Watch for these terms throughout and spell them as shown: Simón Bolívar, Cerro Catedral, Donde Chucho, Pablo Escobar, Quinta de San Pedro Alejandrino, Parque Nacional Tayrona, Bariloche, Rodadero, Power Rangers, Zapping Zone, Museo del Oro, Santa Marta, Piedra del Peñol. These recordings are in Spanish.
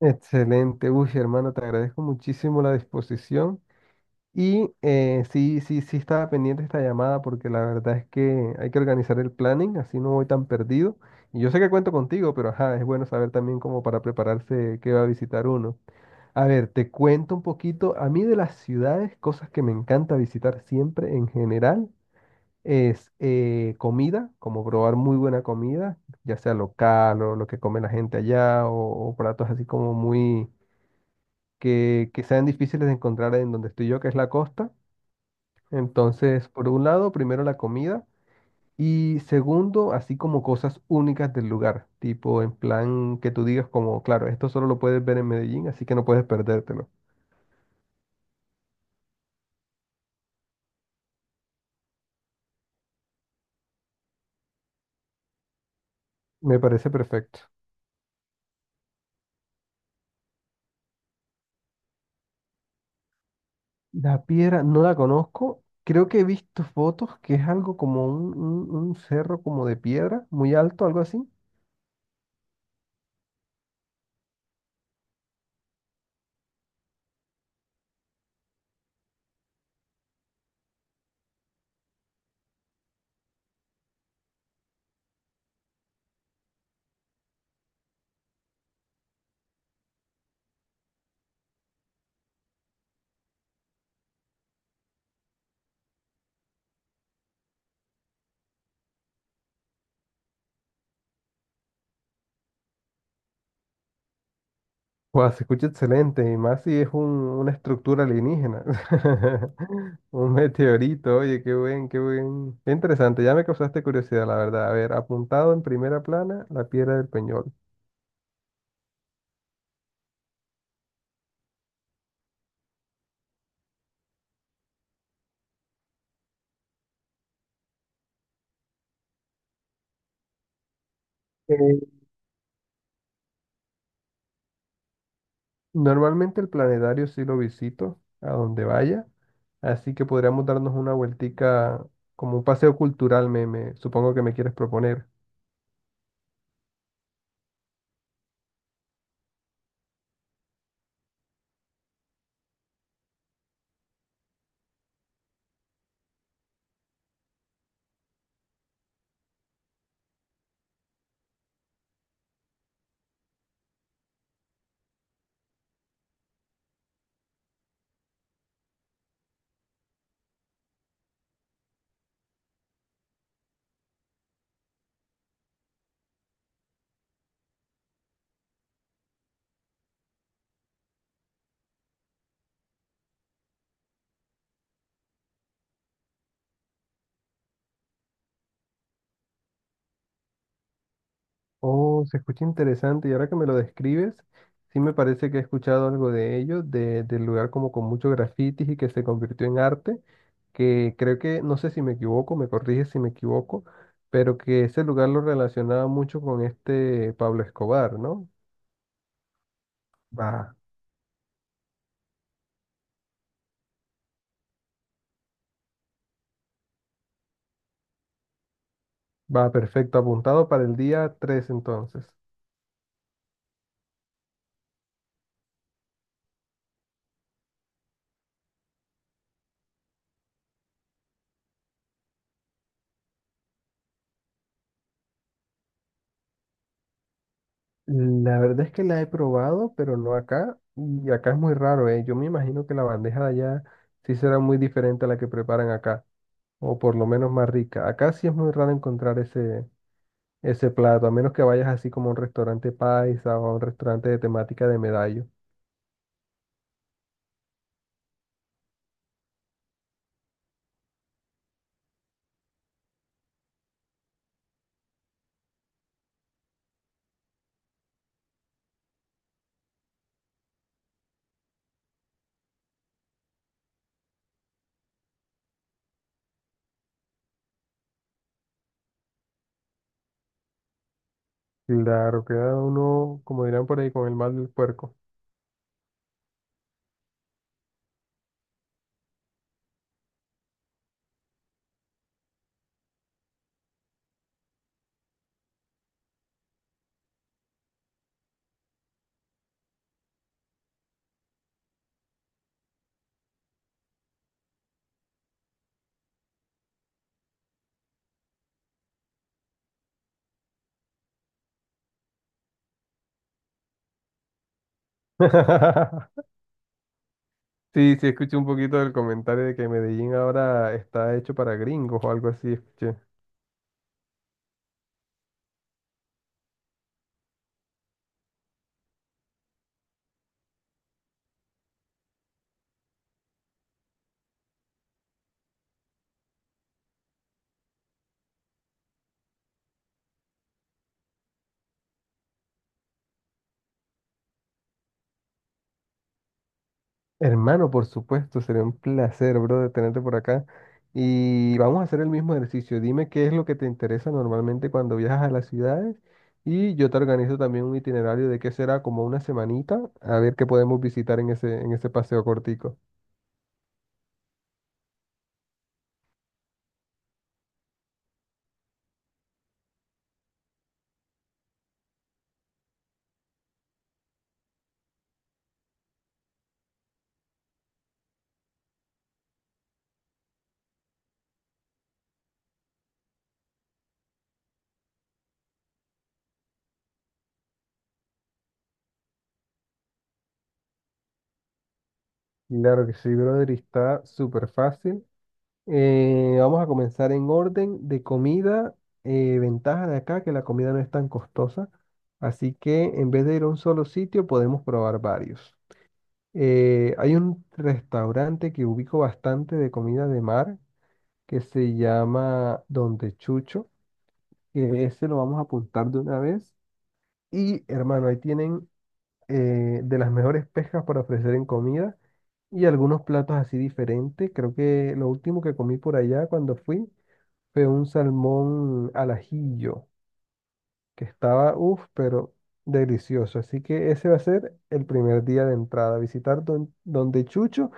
Excelente, uy, hermano, te agradezco muchísimo la disposición. Y sí, sí, sí estaba pendiente esta llamada porque la verdad es que hay que organizar el planning, así no voy tan perdido. Y yo sé que cuento contigo, pero ajá, es bueno saber también como para prepararse qué va a visitar uno. A ver, te cuento un poquito, a mí de las ciudades, cosas que me encanta visitar siempre en general, es comida, como probar muy buena comida, ya sea local o lo que come la gente allá o platos así como muy que sean difíciles de encontrar en donde estoy yo, que es la costa. Entonces, por un lado, primero la comida y segundo, así como cosas únicas del lugar, tipo en plan que tú digas como, claro, esto solo lo puedes ver en Medellín, así que no puedes perdértelo. Me parece perfecto. La piedra no la conozco. Creo que he visto fotos que es algo como un cerro como de piedra, muy alto, algo así. Guau, se escucha excelente, y más si es una estructura alienígena. Un meteorito, oye, qué buen, qué buen. Qué interesante, ya me causaste curiosidad, la verdad. A ver, apuntado en primera plana, la Piedra del Peñol. Eh, Normalmente el planetario sí lo visito a donde vaya, así que podríamos darnos una vueltica como un paseo cultural, supongo que me quieres proponer. Oh, se escucha interesante y ahora que me lo describes, sí me parece que he escuchado algo de ello, del lugar como con muchos grafitis y que se convirtió en arte, que creo que, no sé si me equivoco, me corrige si me equivoco, pero que ese lugar lo relacionaba mucho con este Pablo Escobar, ¿no? Va, va, perfecto, apuntado para el día 3 entonces. La verdad es que la he probado, pero no acá, y acá es muy raro, ¿eh? Yo me imagino que la bandeja de allá sí será muy diferente a la que preparan acá, o por lo menos más rica. Acá sí es muy raro encontrar ese plato, a menos que vayas así como a un restaurante paisa o a un restaurante de temática de medallo. Claro, queda uno, como dirán por ahí, con el mal del puerco. Sí, sí, escuché un poquito del comentario de que Medellín ahora está hecho para gringos o algo así, escuché. Hermano, por supuesto, sería un placer, bro, de tenerte por acá. Y vamos a hacer el mismo ejercicio. Dime qué es lo que te interesa normalmente cuando viajas a las ciudades y yo te organizo también un itinerario de qué será como una semanita, a ver qué podemos visitar en ese paseo cortico. Claro que sí, brother, y está súper fácil. Vamos a comenzar en orden de comida. Ventaja de acá que la comida no es tan costosa, así que en vez de ir a un solo sitio podemos probar varios. Hay un restaurante que ubico bastante de comida de mar que se llama Donde Chucho, que ese lo vamos a apuntar de una vez. Y hermano, ahí tienen de las mejores pescas para ofrecer en comida y algunos platos así diferentes. Creo que lo último que comí por allá cuando fui fue un salmón al ajillo, que estaba, uff, pero delicioso. Así que ese va a ser el primer día de entrada, visitar donde Chucho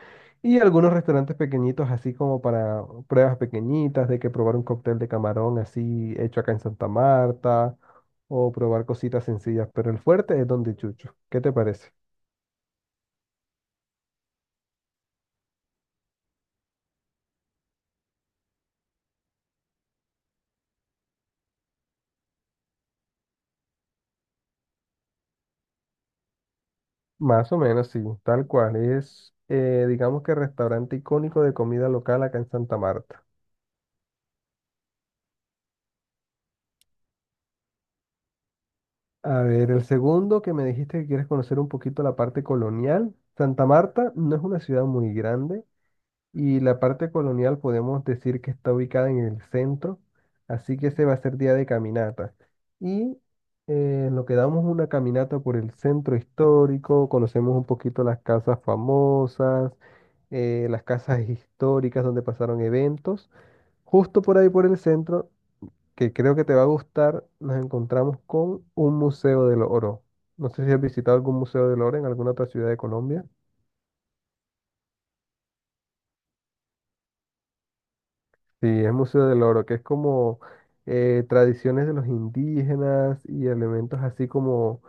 y algunos restaurantes pequeñitos, así como para pruebas pequeñitas, de que probar un cóctel de camarón así hecho acá en Santa Marta, o probar cositas sencillas, pero el fuerte es donde Chucho. ¿Qué te parece? Más o menos, sí, tal cual. Es, digamos que restaurante icónico de comida local acá en Santa Marta. A ver, el segundo que me dijiste que quieres conocer un poquito la parte colonial. Santa Marta no es una ciudad muy grande y la parte colonial podemos decir que está ubicada en el centro, así que ese va a ser día de caminata. Y lo que damos una caminata por el centro histórico, conocemos un poquito las casas famosas, las casas históricas donde pasaron eventos. Justo por ahí por el centro que creo que te va a gustar, nos encontramos con un museo del oro. No sé si has visitado algún museo del oro en alguna otra ciudad de Colombia. Sí, es Museo del Oro, que es como tradiciones de los indígenas y elementos así como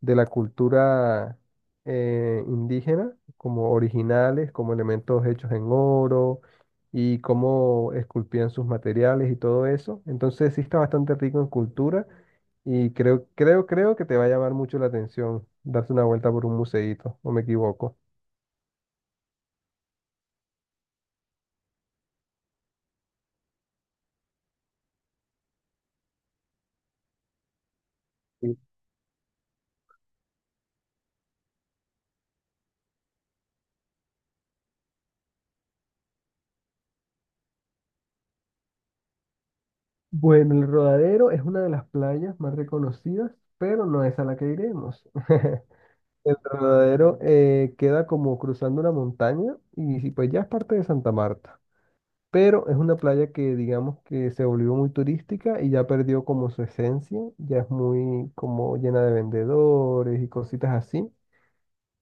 de la cultura indígena, como originales, como elementos hechos en oro y cómo esculpían sus materiales y todo eso. Entonces sí está bastante rico en cultura y creo que te va a llamar mucho la atención darse una vuelta por un museíto, o me equivoco. Bueno, el Rodadero es una de las playas más reconocidas, pero no es a la que iremos. El Rodadero queda como cruzando una montaña y sí, pues ya es parte de Santa Marta, pero es una playa que digamos que se volvió muy turística y ya perdió como su esencia, ya es muy como llena de vendedores y cositas así.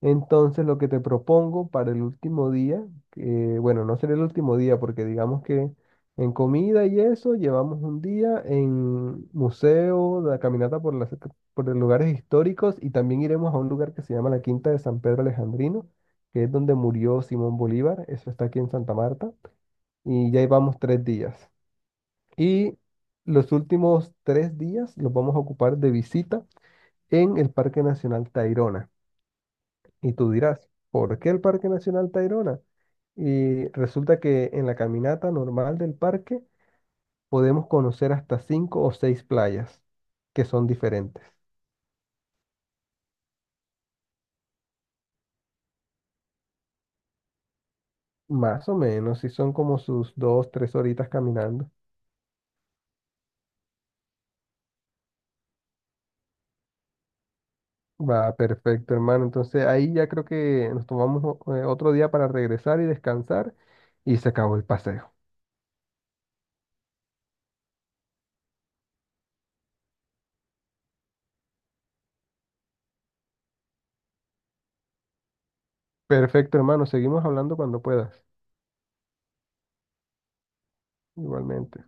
Entonces, lo que te propongo para el último día, bueno, no será el último día porque digamos que en comida y eso llevamos un día en museo, la caminata por las, por los lugares históricos y también iremos a un lugar que se llama la Quinta de San Pedro Alejandrino, que es donde murió Simón Bolívar, eso está aquí en Santa Marta, y ya llevamos 3 días. Y los últimos 3 días los vamos a ocupar de visita en el Parque Nacional Tayrona. Y tú dirás, ¿por qué el Parque Nacional Tayrona? Y resulta que en la caminata normal del parque podemos conocer hasta cinco o seis playas que son diferentes. Más o menos, si son como sus 2, 3 horitas caminando. Va, perfecto, hermano. Entonces ahí ya creo que nos tomamos otro día para regresar y descansar y se acabó el paseo. Perfecto, hermano. Seguimos hablando cuando puedas. Igualmente.